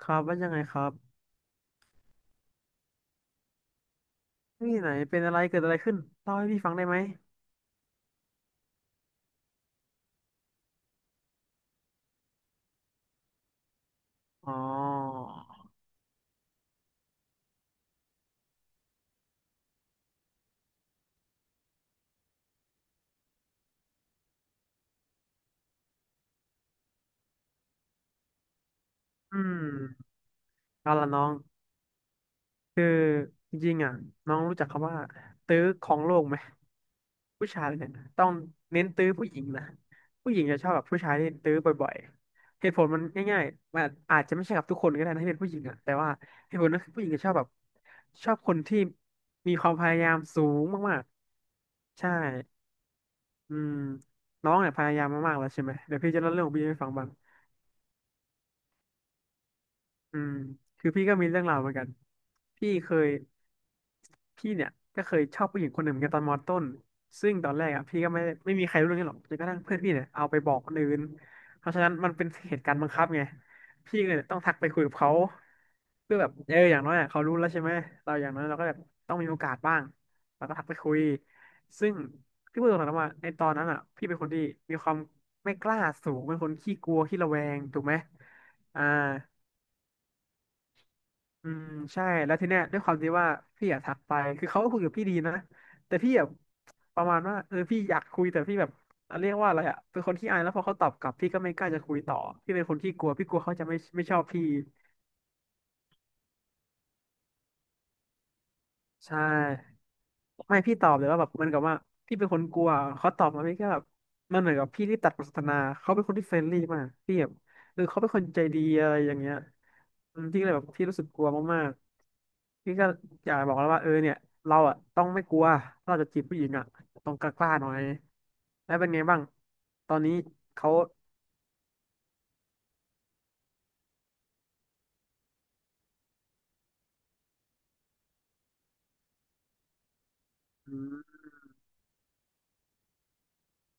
ครับว่ายังไงครับนี่ไหนเป็นอะไรเกิดอะไรขึ้นเล่าให้พี่ฟังได้ไหมอ๋ออืมเอาละน้องคือจริงๆอ่ะน้องรู้จักคำว่าตื้อของโลกไหมผู้ชายเนี่ยต้องเน้นตื้อผู้หญิงนะผู้หญิงจะชอบแบบผู้ชายที่ตื้อบ่อยๆเหตุผลมันง่ายๆมันอาจจะไม่ใช่กับทุกคนก็ได้นะที่เป็นผู้หญิงอ่ะแต่ว่าเหตุผลนั้นคือผู้หญิงจะชอบแบบชอบคนที่มีความพยายามสูงมากๆใช่ อืมน้องเนี่ยพยายามมามากแล้วใช่ไหม เดี๋ยวพี่จะเล่าเรื่องของพี่ให้ฟังบ้าง อืมคือพี่ก็มีเรื่องราวเหมือนกันพี่เคยพี่เนี่ยก็เคยชอบผู้หญิงคนหนึ่งเหมือนกันตอนมอต้นซึ่งตอนแรกอ่ะพี่ก็ไม่มีใครรู้เรื่องนี้หรอกจนกระทั่งเพื่อนพี่เนี่ยเอาไปบอกคนอื่นเพราะฉะนั้นมันเป็นเหตุการณ์บังคับไงพี่ก็เลยต้องทักไปคุยกับเขาเพื่อแบบเอออย่างน้อยอ่ะเขารู้แล้วใช่ไหมเราอย่างน้อยเราก็แบบต้องมีโอกาสบ้างเราก็ทักไปคุยซึ่งพี่พูดตรงๆนะว่าในตอนนั้นอ่ะพี่เป็นคนที่มีความไม่กล้าสูงเป็นคนขี้กลัวขี้ระแวงถูกไหมอ่า อืมใช่แล้วทีเนี้ยด้วยความที่ว่าพี่อยากทักไปคือเขาก็คุยกับพี่ดีนะแต่พี่แบบประมาณว่าเออพี่อยากคุยแต่พี่แบบเรียกว่าอะไรอะเป็นคนที่อายแล้วพอเขาตอบกลับพี่ก็ไม่กล้าจะคุยต่อพี่เป็นคนที่กลัวพี่กลัวเขาจะไม่ชอบพี่ใช่ ไม่พี่ตอบเลยว่าแบบเหมันกับว่าพี่เป็นคนกลัวเขาตอบมาพี่ก็แบบมันเหมือนกับพี่ที่ตัดบทสนทนาเขาเป็นคนที่เฟรนลี่มากพี่แบบเออเขาเป็นคนใจดีอะไรอย่างเงี้ยอืมพี่ก็เลยแบบพี่รู้สึกกลัวมากๆพี่ก็อยากบอกแล้วว่าเออเนี่ยเราอ่ะต้องไม่กลัวถ้าเราจะจีบผู้หญิงอ่ะต้องกล้าๆหน่อยแล้วเป็นไงบ้างตอนนี้เขาอืม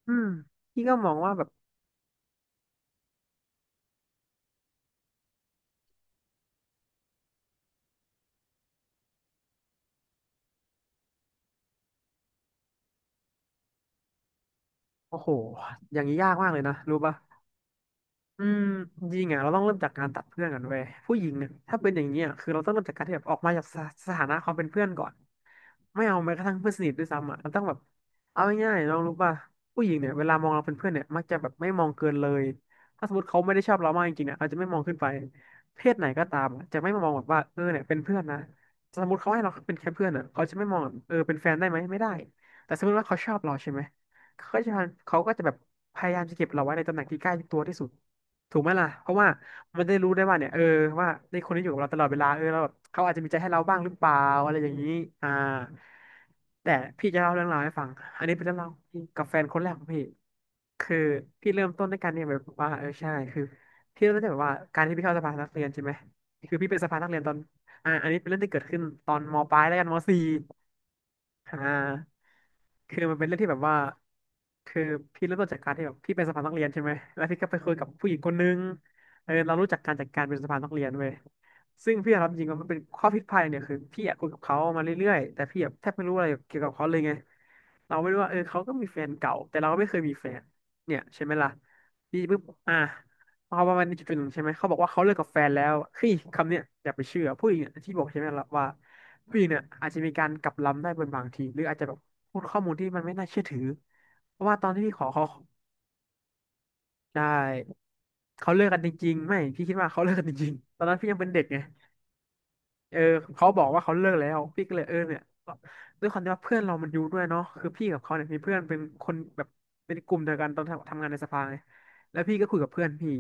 อืมพี่ก็มองว่าแบบโอ้โหอย่างนี้ยากมากเลยนะรู้ปะ อืมจริงอ่ะเราต้องเริ่มจากการตัดเพื่อนกันเว้ยผู้หญิงเนี่ยถ้าเป็นอย่างนี้ยคือเราต้องเริ่มจากการที่แบบออกมาจากสสถานะความเป็นเพื่อนก่อนไม่เอาแม้กระทั่งเพื่อนสนิทด้วยซ้ำอ่ะเราต้องแบบเอาง่ายๆน้องรู้ป่ะผู้หญิงเนี่ยเวลามองเราเป็นเพื่อนเนี่ยมักจะแบบไม่มองเกินเลยถ้าสมมติเขาไม่ได้ชอบเรามากจริงๆเนี่ยเขาจะไม่มองขึ้นไปเพศไหนก็ตามอะจะไม่มามองแบบว่าเออเนี่ยเป็นเพื่อนนะสมมติเขาให้เราเป็นแค่เพื่อนอ่ะเขาจะไม่มองแบบเออเป็นแฟนได้ไหมไม่ได้แต่สมมติว่าเขาชอบเราใช่ไหมเขาก็จะพยายามเขาก็จะแบบพยายามจะเก็บเราไว้ในตำแหน่งที่ใกล้ตัวที่สุด ถูกไหมล่ะเพราะว่ามันได้รู้ได้ว่าเนี่ยเออว่าในคนที่อยู่กับเราตลอดเวลาเออเราแบบเขาอาจจะมีใจให้เราบ้างหรือเปล่าอะไรอย่างนี้อ่าแต่พี่จะเล่าเรื่องราวให้ฟังอันนี้เป็นเรื่องราวกับแฟนคนแรกของพี่คือพี่เริ่มต้นด้วยกันเนี่ยแบบว่าเออใช่คือพี่เริ่มต้นจากแบบว่าการที่พี่เข้าสภานักเรียนใช่ไหมคือพี่เป็นสภานักเรียนตอนอันนี้เป็นเรื่องที่เกิดขึ้นตอนมปลายแล้วกันมสี่ อ่าคือมันเป็นเรื่องที่แบบว่าคือพี่เริ่มต้นจากการที่แบบพี่เป็นสภานักเรียนใช่ไหมแล้วพี่ก็ไปคุยกับผู้หญิงคนนึงเออเรารู้จักการจัดการเป็นสภานักเรียนเว้ยซึ่งพี่ยอมรับจริงว่ามันเป็นข้อผิดพลาดเนี่ยคือพี่อยากคุยกับเขามาเรื่อยๆแต่พี่แบบแทบไม่รู้อะไรเกี่ยวกับเขาเลยไงเราไม่รู้ว่าเออเขาก็มีแฟนเก่าแต่เราก็ไม่เคยมีแฟนเนี่ยใช่ไหมล่ะพี่ปุ๊บอ่ะพอประมาณจุดๆหนึ่งใช่ไหมเขาบอกว่าเขาเลิกกับแฟนแล้วเฮ้ยคำเนี้ยอย่าไปเชื่อผู้หญิงเนี่ยที่บอกใช่ไหมล่ะว่า ผู้หญิงเนี่ยอาจจะมีการกลับล้ำได้เป็นบางทีหรืออาจจะแบบพูดข้อมูลที่มันไม่น่าเชื่อถือเพราะว่าตอนที่พี่ขอเขาได้เขาเลิกกันจริงๆไม่พี่คิดว่าเขาเลิกกันจริงๆตอนนั้นพี่ยังเป็นเด็กไง เออเขาบอกว่าเขาเลิกแล้วพี่ก็เลยเออเนี่ยด้วยความที่ว่าเพื่อนเรามันอยู่ด้วยเนาะคือพี่กับเขาเนี่ยมีเพื่อนเป็นคนแบบเป็นกลุ่มเดียวกันตอนทำงานในสภาไงแล้วพี่ก็คุยกับเพื่อนพี่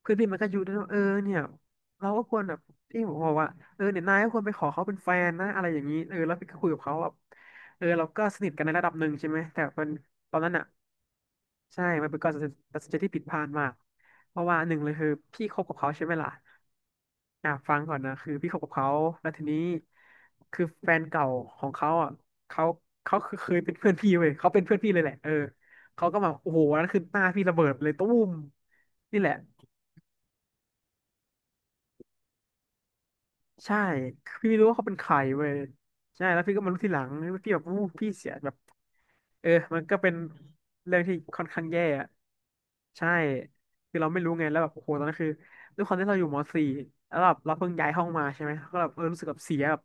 เพื่อนพี่มันก็อยู่ด้วยว่าเออเนี่ยเราก็ควรแบบพี่ผมบอกว่าเออเนี่ยนายก็ควรไปขอเขาเป็นแฟนนะอะไรอย่างนี้เออแล้วพี่ก็คุยกับเขาแบบเออเราก็สนิทกันในระดับหนึ่งใช่ไหมแต่เป็นตอนนั้นอ่ะ ใช่ มันเป็นการตัดสินใจที่ผิดพลาดมาก เพราะว่าหนึ่งเลยคือพี่คบกับเขาใช่ไหมล่ะอ่ะ ฟังก่อนนะคือพี่คบกับเขา แล้วทีนี้คือแฟนเก่าของเขาอ่ะเขาเขาคือเคยเป็นเพื่อนพี่เว้ยเขาเป็นเพื่อนพี่เลยแหละเออเขาก็มาโอ้โหวันนั้นคือหน้าพี่ระเบิดไปเลยตุ้มนี่แหละ ใช่พี่ไม่รู้ว่าเขาเป็นใครเว้ยใช่แล้วพี่ก็มารู้ทีหลังพี่แบบอู้พี่เสียแบบเออมันก็เป็นเรื่องที่ค่อนข้างแย่อะใช่คือเราไม่รู้ไงแล้วแบบโอ้โหตอนนั้นคือด้วยความที่เราอยู่มสี่แล้วแบบเราเพิ่งย้ายห้องมาใช่ไหมก็แบบเออรู้สึกแบบเสียแบบ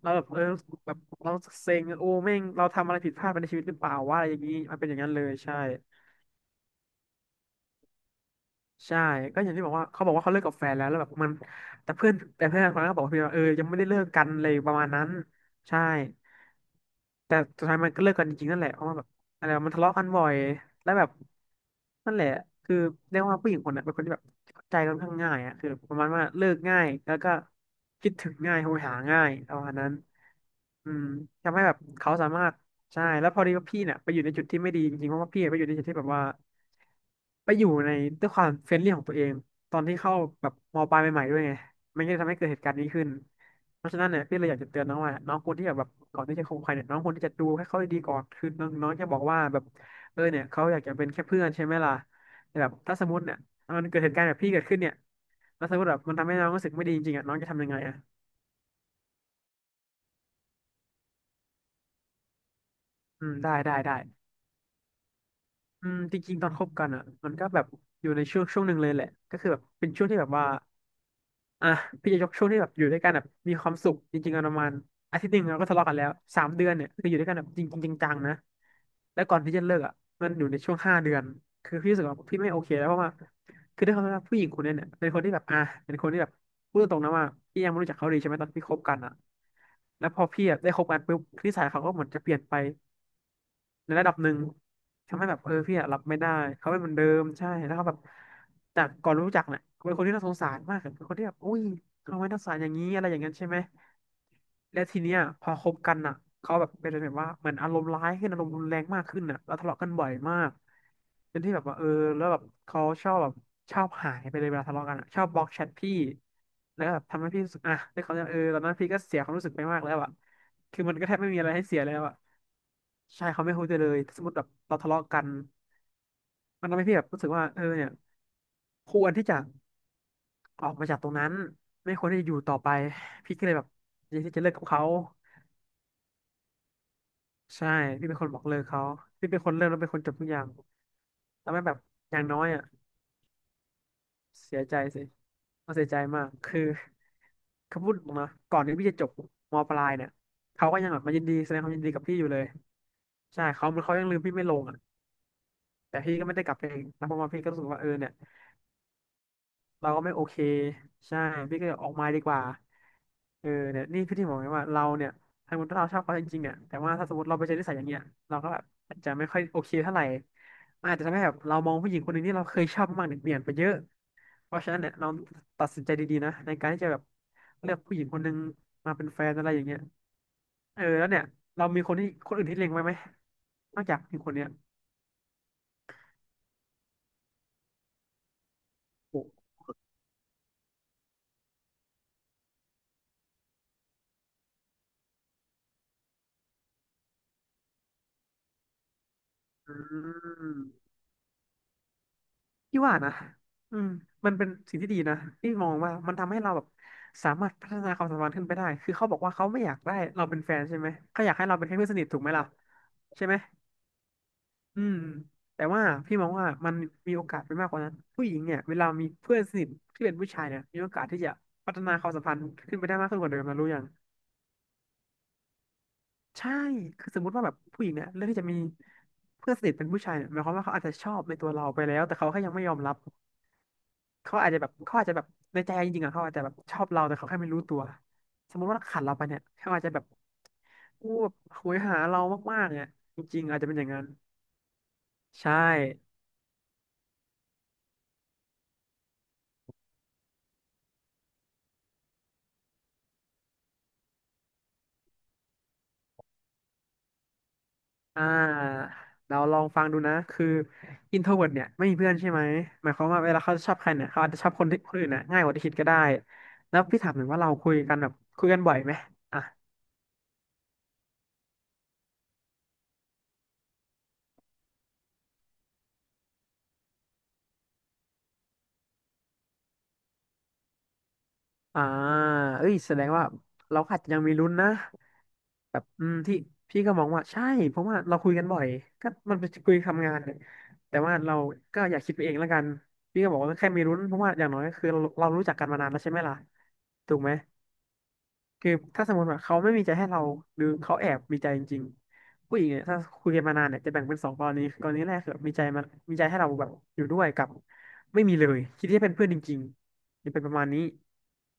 เราแบบเออรู้สึกแบบเราเซ็งโอ้แม่งเราทำอะไรผิดพลาดไปในชีวิตหรือเปล่าว่าอะไรอย่างนี้มันเป็นอย่างนั้นเลยใช่ ใช่ก็อย่างที่บอกว่าเขาบอกว่าเขาเลิกกับแฟนแล้วแล้วแบบมันแต่เพื่อนคนนั้นก็บอกว่าเพื่อนว่าเออยังไม่ได้เลิกกันเลยประมาณนั้นใช่แต่สุดท้ายมันก็เลิกกันจริงๆนั่นแหละเพราะว่าแบบอะไรวะมันทะเลาะกันบ่อยแล้วแบบนั่นแหละคือเรียกว่าผู้หญิงคนนั้นเป็นคนที่แบบเข้าใจค่อนข้างง่ายอ่ะคือประมาณว่าเลิกง่ายแล้วก็คิดถึงง่ายโหยหาง่ายประมาณนั้นอืมทำให้แบบเขาสามารถ ใช่แล้วพอดีว่าพี่เนี่ยไปอยู่ในจุดที่ไม่ดีจริงๆเพราะว่าพี่ไปอยู่ในจุดที่แบบว่าไปอยู่ในด้วยความเฟรนลี่ของตัวเองตอนที่เข้าแบบมปลายใหม่ๆด้วยไงมันก็เลยทำให้เกิดเหตุการณ์นี้ขึ้นเพราะฉะนั้นเนี่ยพี่เลยอยากจะเตือนน้องว่าน้องควรที่จะแบบก่อนที่จะคบใครเนี่ยน้องควรที่จะดูให้เขาดีๆก่อนคือน้องน้องจะบอกว่าแบบเออเนี่ยเขาอยากจะเป็นแค่เพื่อนใช่ไหมล่ะแต่แบบถ้าสมมติเนี่ยมันเกิดเหตุการณ์แบบพี่เกิดขึ้นเนี่ยแล้วสมมติแบบมันทำให้น้องรู้สึกไม่ดีจริงๆอ่ะน้องจะทำยังไงอ่ะอืมได้ได้ได้ อืมจริงๆตอนคบกันอ่ะมันก็แบบอยู่ในช่วงหนึ่งเลยแหละก็คือแบบเป็นช่วงที่แบบว่าอ่ะพี่จะยกช่วงที่แบบอยู่ด้วยกันแบบมีความสุขจริงๆอะประมาณอาทิตย์หนึ่งเราก็ทะเลาะกันแล้ว3 เดือนเนี่ยคืออยู่ด้วยกันแบบจริงๆจังๆนะแล้วก่อนที่จะเลิกอ่ะมันอยู่ในช่วง5 เดือนคือพี่รู้สึกว่าพี่ไม่โอเคแล้วเพราะว่าคือด้วยความที่ว่าผู้หญิงคนเนี้ยเนี่ยเป็นคนที่แบบอ่ะเป็นคนที่แบบพูดตรงๆนะว่าพี่ยังไม่รู้จักเขาดีใช่ไหมตอนที่คบกันอ่ะแล้วพอพี่อะได้คบกันปุ๊บนิสัยเขาก็เหมือนจะเปลี่ยนไป ในระดับหนึ่งทำให้แบบเออพี่อะรับไม่ได้เขาเป็นเหมือนเดิมใช่แล้วเขาแบบจากก่อนรู้จักเนี่ยเป็นคนที่น่าสงสารมากอะเป็นคนที่แบบอุ้ยทำไมน่าสงสารอย่างนี้อะไรอย่างนั้นใช่ไหมและทีเนี้ยพอคบกันอ่ะเขาแบบเป็นแบบว่าเหมือนอารมณ์ร้ายขึ้นอารมณ์รุนแรงมากขึ้นอ่ะแล้วทะเลาะกันบ่อยมากเป็นที่แบบว่าเออแล้วแบบเขาชอบแบบชอบหายไปเลยเวลาทะเลาะกันอะชอบบล็อกแชทพี่แล้วก็แบบทำให้พี่รู้สึกอ่ะแล้วเขาจะเออตอนนั้นพี่ก็เสียความรู้สึกไปมากแล้วอ่ะคือมันก็แทบไม่มีอะไรให้เสียแล้วอ่ะ ใช่เขาไม่คุยด้วยเลยสมมติแบบเราทะเลาะกันมันทำให้พี่แบบรู้สึกว่าเออเนี่ยควรที่จะออกมาจากตรงนั้นไม่ควรที่จะอยู่ต่อไปพี่ก็เลยแบบอยากที่จะเลิกกับเขาใช่พี่เป็นคนบอกเลิกเขาพี่เป็นคนเริ่มแล้วเป็นคนจบทุกอย่างทำให้แบบอย่างน้อยอ่ะเสียใจสิเราเสียใจมากคือเขาพูดออกมาก่อนที่พี่จะจบมปลายเนี่ยเขาก็ยังแบบมายินดีแสดงความยินดีกับพี่อยู่เลยใช่เขาเหมือนเขายังลืมพี่ไม่ลงอ่ะแต่พี่ก็ไม่ได้กลับไปเองนะเพราะว่าพี่ก็รู้สึกว่าเออเนี่ย เราก็ไม่โอเคใช่พี่ก็ออกมาดีกว่าเออเนี่ยนี่คือที่บอกไงว่าเราเนี่ยถ้าสมมติเราชอบเขาจริงๆเนี่ยแต่ว่าถ้าสมมติเราไปเจอนิสัยอย่างเงี้ยเราก็แบบอาจจะไม่ค่อยโอเคเท่าไหร่มันอาจจะทำให้แบบเรามองผู้หญิงคนหนึ่งที่เราเคยชอบมากๆเนี่ยเปลี่ยนไปเยอะเพราะฉะนั้นเนี่ยเราตัดสินใจดีๆนะในการที่จะแบบเลือกผู้หญิงคนหนึ่งมาเป็นแฟนอะไรอย่างเงี้ยเออแล้วเนี่ยเรามีคนที่คนอื่นที่เล็งไว้ไหมนอกจากผู้หญิงคนเนี้ยโอ้อืม พี่ว่านะอืมมันเป็นสิ่งที่ดีนะ พี่มองว่ามันทำให้เราแบบสามารถพัฒนาความสัมพันธ์ขึ้นไปได้ คือเขาบอกว่าเขาไม่อยากได้เราเป็นแฟนใช่ไหม เขาอยากให้เราเป็นแค่เพื่อนสนิทถูกไหมล่ะใช่ไหมอืมแต่ว่าพี่มองว่ามันมีโอกาสไปมากกว่านั้นผู้หญิงเนี่ยเวลามีเพื่อนสนิทที่เป็นผู้ชายเนี่ยมีโอกาสที่จะพัฒนาความสัมพันธ์ขึ้นไปได้มากขึ้นกว่าเดิมนะรู้ยังใช่คือสมมติว่าแบบผู้หญิงเนี่ยเลือกที่จะมีเพื่อนสนิทเป็นผู้ชายเนี่ยหมายความว่าเขาอาจจะชอบในตัวเราไปแล้วแต่เขาแค่ยังไม่ยอมรับ เขาอาจจะแบบเขาอาจจะแบบในใจจริงๆอะเขาอาจจะแบบชอบเราแต่เขาแค่ไม่รู้ตัวสมมติว่าขาดเราไปเนี่ยเขาอาจจะแบบอู้แบบโหยหาเรามากๆเนี่ยจริงๆอาจจะเป็นอย่างนั้นใช่อ่าเราลองฟังดูนะคืออินโทรเวิร์เนี่ยไม่มีเพื่อนใช่ไหมหมายความว่าเวลาเขาชอบใครเนี่ยเขาอาจจะชอบคนที่คนอื่นนะง่ายกว่าที่คิดก็ได้แล้วพี่ถามหน่อยว่าเราคุยกันแบบคุยกันบ่อยไหมอ่ะอ่าเอ้ยแสดงว่าเราอาจจะยังมีลุ้นนะ แบบอืมที่พี่ก็มองว่าใช่เพราะว่าเราคุยกันบ่อยก็มันเป็นคุยทำงานเนี่ยแต่ว่าเราก็อยากคิดไปเองแล้วกันพี่ก็บอกว่าแค่มีรุ้นเพราะว่าอย่างน้อยก็คือเราเรารู้จักกันมานานแล้วใช่ไหมล่ะถูกไหมคือถ้าสมมติว่าเขาไม่มีใจให้เราหรือเขาแอบมีใจจริงๆผู้หญิงเนี่ยถ้าคุยกันมานานเนี่ยจะแบ่งเป็นสองกรณีกรณีแรกคือมีใจมันมีใจให้เราแบบอยู่ด้วยกับไม่มีเลยคิดที่จะเป็นเพื่อนจริงๆจะเป็นประมาณนี้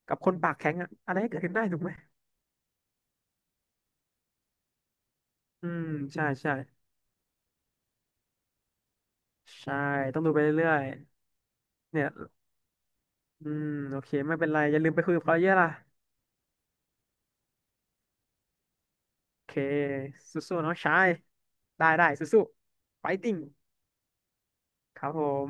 กับคนปากแข็งอะอะไรก็เกิดขึ้นได้ถูกไหมอืมใช่ใช่ ใช่ต้องดูไปเรื่อยๆเนี่ยอืมโอเคไม่เป็นไรอย่าลืมไปคุยกับเขาเยอะล่ะโอเคสู้ๆน้องชายได้ได้สู้ๆไฟติ t i ครับผม